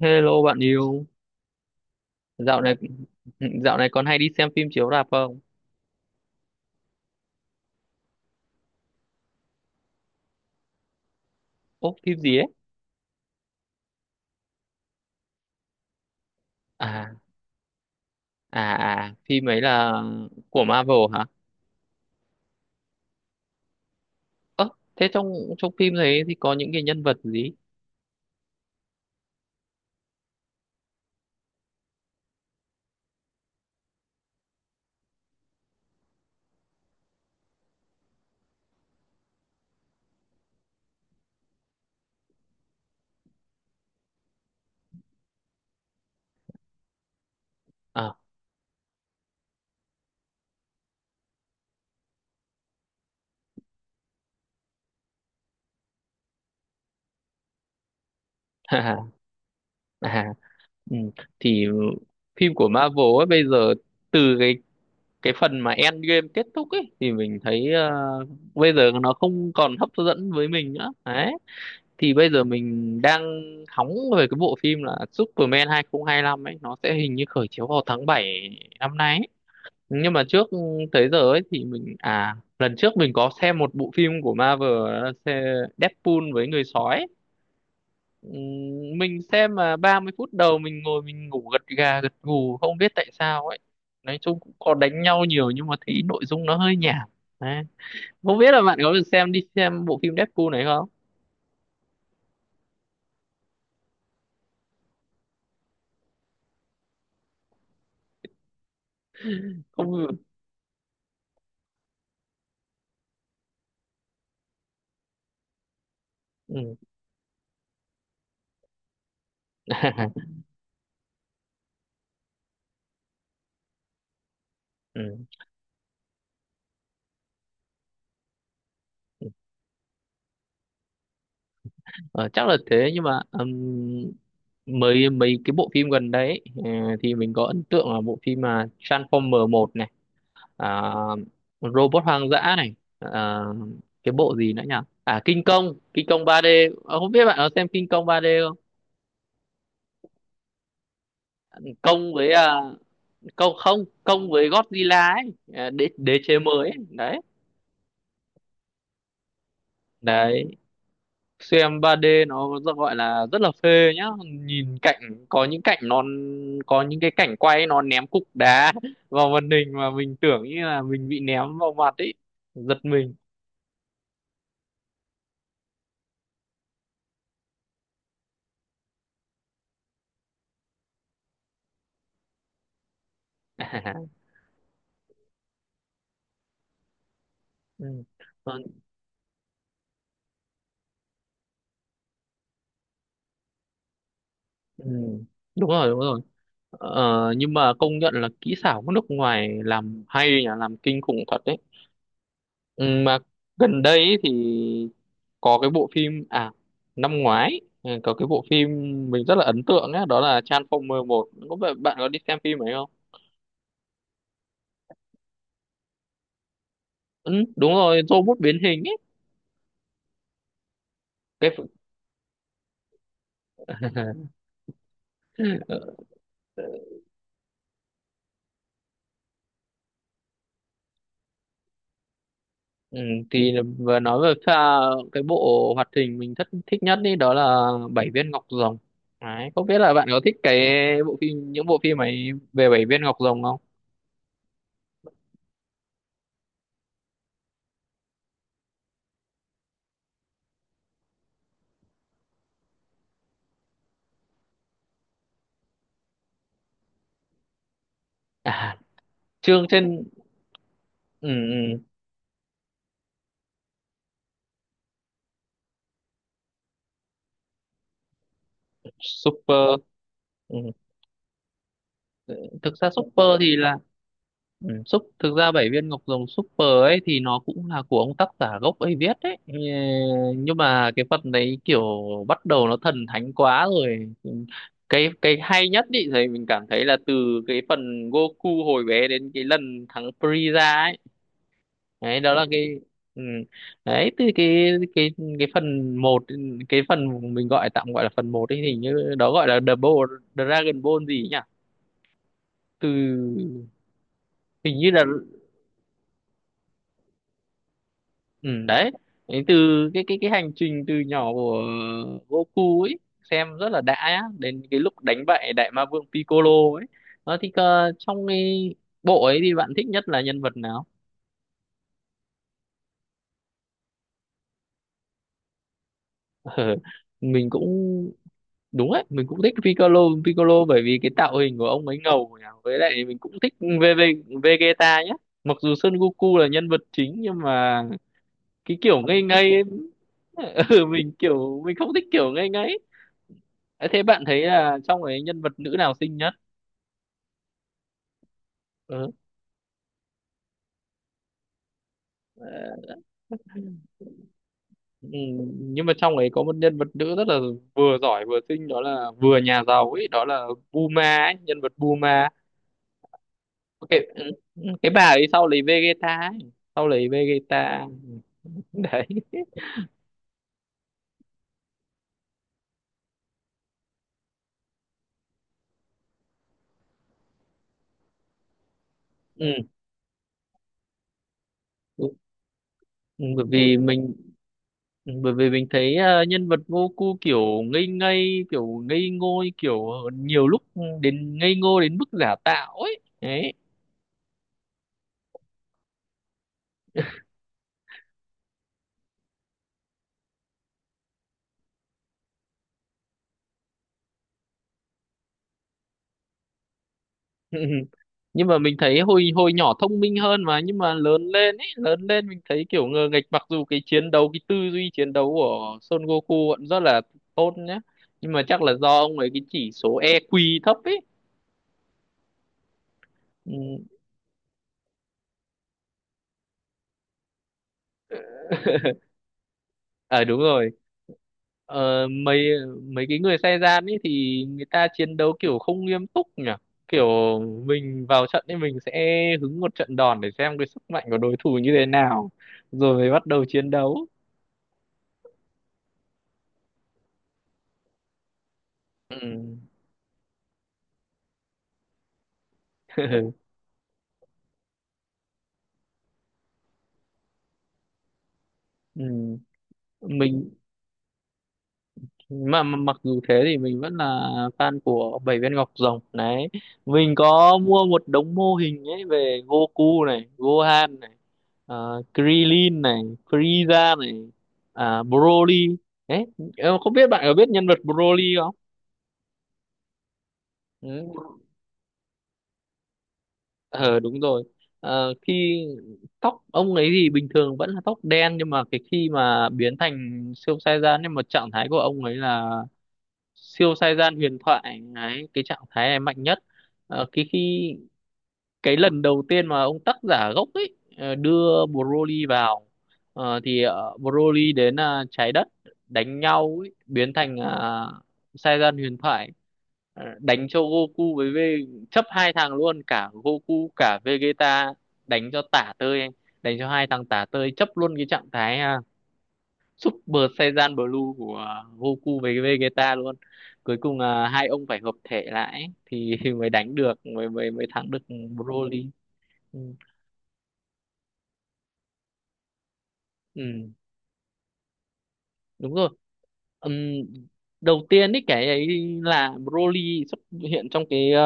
Hello bạn yêu, dạo này dạo này còn hay đi xem phim chiếu rạp không? Ố, phim gì ấy? À, à, à, phim ấy là của Marvel hả? Ơ, thế trong trong phim đấy thì có những cái nhân vật gì? Ờ. À. À. Ừ. Thì phim của Marvel ấy bây giờ từ cái phần mà Endgame kết thúc ấy thì mình thấy bây giờ nó không còn hấp dẫn với mình nữa. Đấy. Thì bây giờ mình đang hóng về cái bộ phim là Superman 2025 ấy, nó sẽ hình như khởi chiếu vào tháng 7 năm nay ấy. Nhưng mà trước tới giờ ấy thì mình à, lần trước mình có xem một bộ phim của Marvel, đó là Deadpool với người sói ấy. Mình xem mà 30 phút đầu mình ngồi mình ngủ gật gà gật gù không biết tại sao ấy, nói chung cũng có đánh nhau nhiều nhưng mà thấy nội dung nó hơi nhảm. Đấy. Không biết là bạn có được xem đi xem bộ phim Deadpool này không không Ừ. Ừ. Ờ, chắc là thế nhưng mà mấy mấy cái bộ phim gần đấy ấy, ờ, thì mình có ấn tượng là bộ phim mà Transformer một này, à, Robot hoang dã này, à, cái bộ gì nữa nhỉ, à, King Kong, King Kong 3D. Ờ, không biết bạn có xem King Kong 3D không. Kong với à, Kong, không, Kong với Godzilla ấy, à, đế đế chế mới ấy. Đấy. Đấy, xem 3D nó rất là phê nhá. Nhìn cảnh có những cái cảnh quay nó ném cục đá vào màn hình mà mình tưởng như là mình bị ném vào mặt ấy, giật mình. Ừ. Còn- ừ, đúng rồi đúng rồi, ờ, nhưng mà công nhận là kỹ xảo của nước ngoài làm hay nhỉ, làm kinh khủng thật đấy. Ừ, mà gần đây ấy thì có cái bộ phim, à, năm ngoái, ừ, có cái bộ phim mình rất là ấn tượng ấy, đó là Transformer một, có bạn bạn có đi xem phim ấy không? Ừ, đúng rồi, robot biến hình ấy. cái ừ, thì vừa nói về pha cái bộ hoạt hình mình thất thích nhất đi, đó là Bảy viên ngọc rồng. Đấy, không biết là bạn có thích cái bộ phim, những bộ phim ấy về Bảy viên ngọc rồng không? À, chương trên. Ừ, ừ, super. Ừ, thực ra super thì là ừ, súp, thực ra bảy viên ngọc rồng super ấy thì nó cũng là của ông tác giả gốc ấy viết đấy. Ừ, nhưng mà cái phần đấy kiểu bắt đầu nó thần thánh quá rồi. Cái hay nhất ý thì mình cảm thấy là từ cái phần Goku hồi bé đến cái lần thắng Frieza ấy. Đấy đó là cái, ừ. Đấy từ cái phần một, cái phần mình gọi tạm gọi là phần một ấy thì như đó gọi là Double Dragon Ball gì nhỉ, từ hình như là... Ừ, đấy. Đấy, từ cái hành trình từ nhỏ của Goku ấy xem rất là đã á, đến cái lúc đánh bại đại ma vương Piccolo ấy. Đó thì trong cái bộ ấy thì bạn thích nhất là nhân vật nào? Ờ, mình cũng, đúng đấy, mình cũng thích Piccolo. Piccolo bởi vì cái tạo hình của ông ấy ngầu nhỉ, với lại mình cũng thích Vegeta nhé, mặc dù Son Goku là nhân vật chính nhưng mà cái kiểu ngây ngây ấy, ừ, mình kiểu mình không thích kiểu ngây ngây. Thế thế bạn thấy là trong ấy nhân vật nữ nào xinh nhất? Ừ. Ờ, ừ. Nhưng mà trong ấy có một nhân vật nữ rất là vừa giỏi vừa xinh, đó là vừa nhà giàu ấy, đó là Bulma ấy, nhân vật Bulma. Cái cái bà ấy sau lấy Vegeta ấy, sau lấy Vegeta. Đấy. Ừ. Ừ, ừ. Bởi vì mình thấy nhân vật Goku kiểu ngây ngây, kiểu ngây ngô kiểu nhiều lúc, ừ, đến ngây ngô đến mức giả tạo ấy. Đấy. Nhưng mà mình thấy hồi hồi nhỏ thông minh hơn mà, nhưng mà lớn lên ấy, lớn lên mình thấy kiểu ngờ nghệch, mặc dù cái chiến đấu cái tư duy chiến đấu của Son Goku vẫn rất là tốt nhá, nhưng mà chắc là do ông ấy cái chỉ số EQ thấp ấy. Ừ. À, đúng rồi. Ờ, mấy mấy cái người Saiyan ấy thì người ta chiến đấu kiểu không nghiêm túc nhỉ, kiểu mình vào trận thì mình sẽ hứng một trận đòn để xem cái sức mạnh của đối thủ như thế nào rồi mới bắt đầu chiến đấu. Ừ. Ừ. mình mà mặc dù thế thì mình vẫn là fan của Bảy Viên Ngọc Rồng đấy, mình có mua một đống mô hình ấy về Goku này, Gohan này, Krillin này, Frieza này, à, Broly. Đấy, em không biết bạn có biết nhân vật Broly không. Ừ. Ờ, đúng rồi. Ờ, khi Tóc ông ấy thì bình thường vẫn là tóc đen nhưng mà cái khi mà biến thành siêu Saiyan, nhưng mà trạng thái của ông ấy là siêu sai gian huyền thoại ấy, cái trạng thái này mạnh nhất. Ờ, cái lần đầu tiên mà ông tác giả gốc ấy đưa Broly vào, thì Broly đến trái đất đánh nhau ấy, biến thành sai gian huyền thoại. Ờ, đánh cho Goku với V chấp hai thằng luôn cả Goku cả Vegeta, đánh cho tả tơi, đánh cho hai thằng tả tơi chấp luôn cái trạng thái Super Saiyan Blue của à, Goku với Vegeta luôn. Cuối cùng là hai ông phải hợp thể lại ấy, thì mới đánh được, mới mới mới thắng được Broly. Ừ, ừ, đúng rồi. Ừm, đầu tiên ấy cái ấy là Broly xuất hiện trong cái à,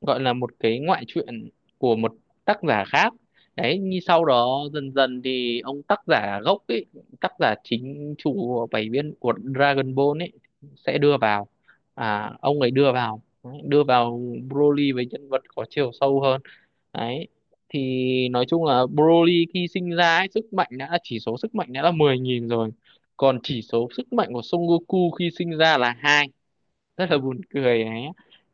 gọi là một cái ngoại truyện của một tác giả khác đấy, như sau đó dần dần thì ông tác giả gốc ấy, tác giả chính chủ của bảy viên của Dragon Ball ấy sẽ đưa vào, à, ông ấy đưa vào đấy, đưa vào Broly với nhân vật có chiều sâu hơn đấy. Thì nói chung là Broly khi sinh ra ấy, sức mạnh đã chỉ số sức mạnh đã là 10.000 rồi, còn chỉ số sức mạnh của Son Goku khi sinh ra là hai. Rất là buồn cười ấy,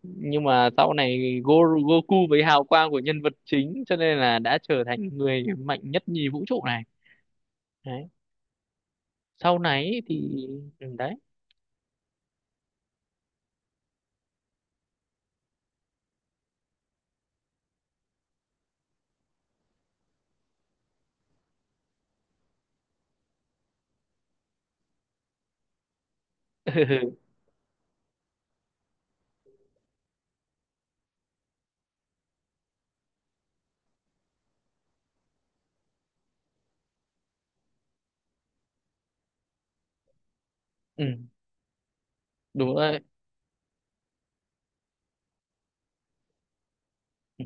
nhưng mà sau này Goku với hào quang của nhân vật chính cho nên là đã trở thành người mạnh nhất nhì vũ trụ này. Đấy, sau này ý thì ừ, đấy. Ừ, đúng rồi. Ừ,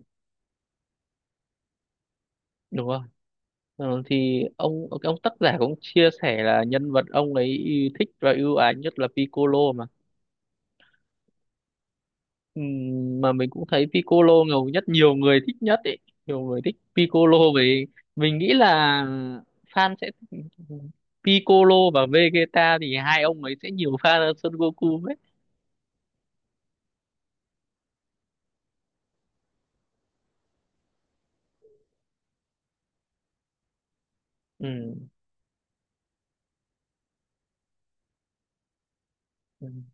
đúng rồi. Ờ, thì ông tác giả cũng chia sẻ là nhân vật ông ấy thích và ưu ái nhất là Piccolo mà. Mà mình cũng thấy Piccolo ngầu nhất, nhiều người thích nhất ấy, nhiều người thích Piccolo. Về mình nghĩ là fan sẽ, Piccolo và Vegeta thì hai ông ấy sẽ nhiều fan hơn Son Goku ấy. Ừm, ừm,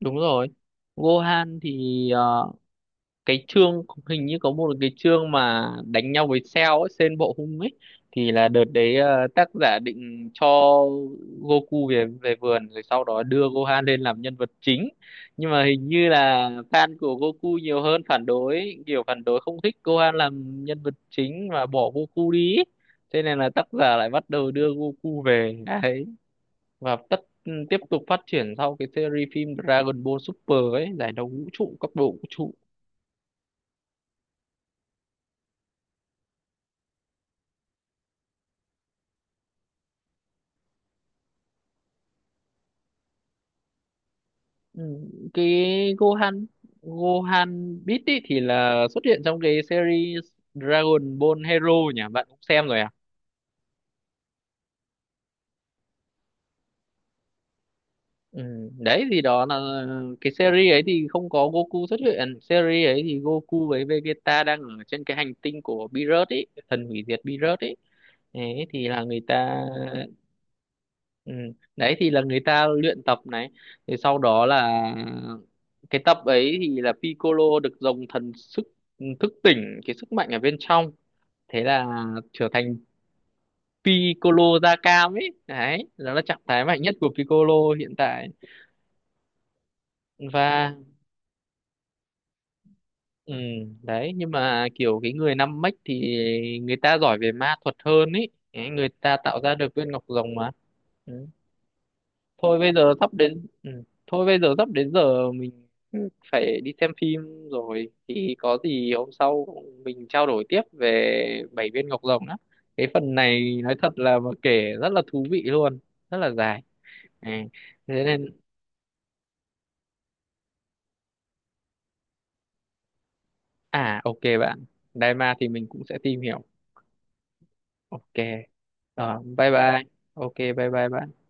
đúng rồi. Gohan thì ờ, cái chương hình như có một cái chương mà đánh nhau với Cell ấy, Sen Bộ Hung ấy, thì là đợt đấy tác giả định cho Goku về về vườn rồi sau đó đưa Gohan lên làm nhân vật chính, nhưng mà hình như là fan của Goku nhiều hơn phản đối, kiểu phản đối không thích Gohan làm nhân vật chính và bỏ Goku đi ấy. Thế nên là tác giả lại bắt đầu đưa Goku về đấy và tiếp tục phát triển sau cái series phim Dragon Ball Super ấy, giải đấu vũ trụ cấp độ vũ trụ. Ừ, cái Gohan Gohan Beat ý thì là xuất hiện trong cái series Dragon Ball Hero nhỉ, bạn cũng xem rồi à. Ừ, đấy thì đó là cái series ấy thì không có Goku xuất hiện, series ấy thì Goku với Vegeta đang ở trên cái hành tinh của Beerus ấy, thần hủy diệt Beerus ấy. Đấy thì là người ta ừ, đấy thì là người ta luyện tập này, thì sau đó là cái tập ấy thì là Piccolo được dòng thần sức thức tỉnh cái sức mạnh ở bên trong, thế là trở thành Piccolo da cam ấy, đấy đó là trạng thái mạnh nhất của Piccolo hiện tại. Và ừ, đấy. Nhưng mà kiểu cái người năm mech thì người ta giỏi về ma thuật hơn ấy, đấy, người ta tạo ra được viên ngọc rồng mà. Ừ. thôi bây giờ sắp đến ừ. Thôi bây giờ sắp đến giờ mình phải đi xem phim rồi, thì có gì hôm sau mình trao đổi tiếp về bảy viên ngọc rồng đó, cái phần này nói thật là mà kể rất là thú vị luôn, rất là dài. À, thế nên, à, ok bạn. Đài ma thì mình cũng sẽ tìm hiểu. Ok. Ờ, bye bye. Ok bye bye bạn.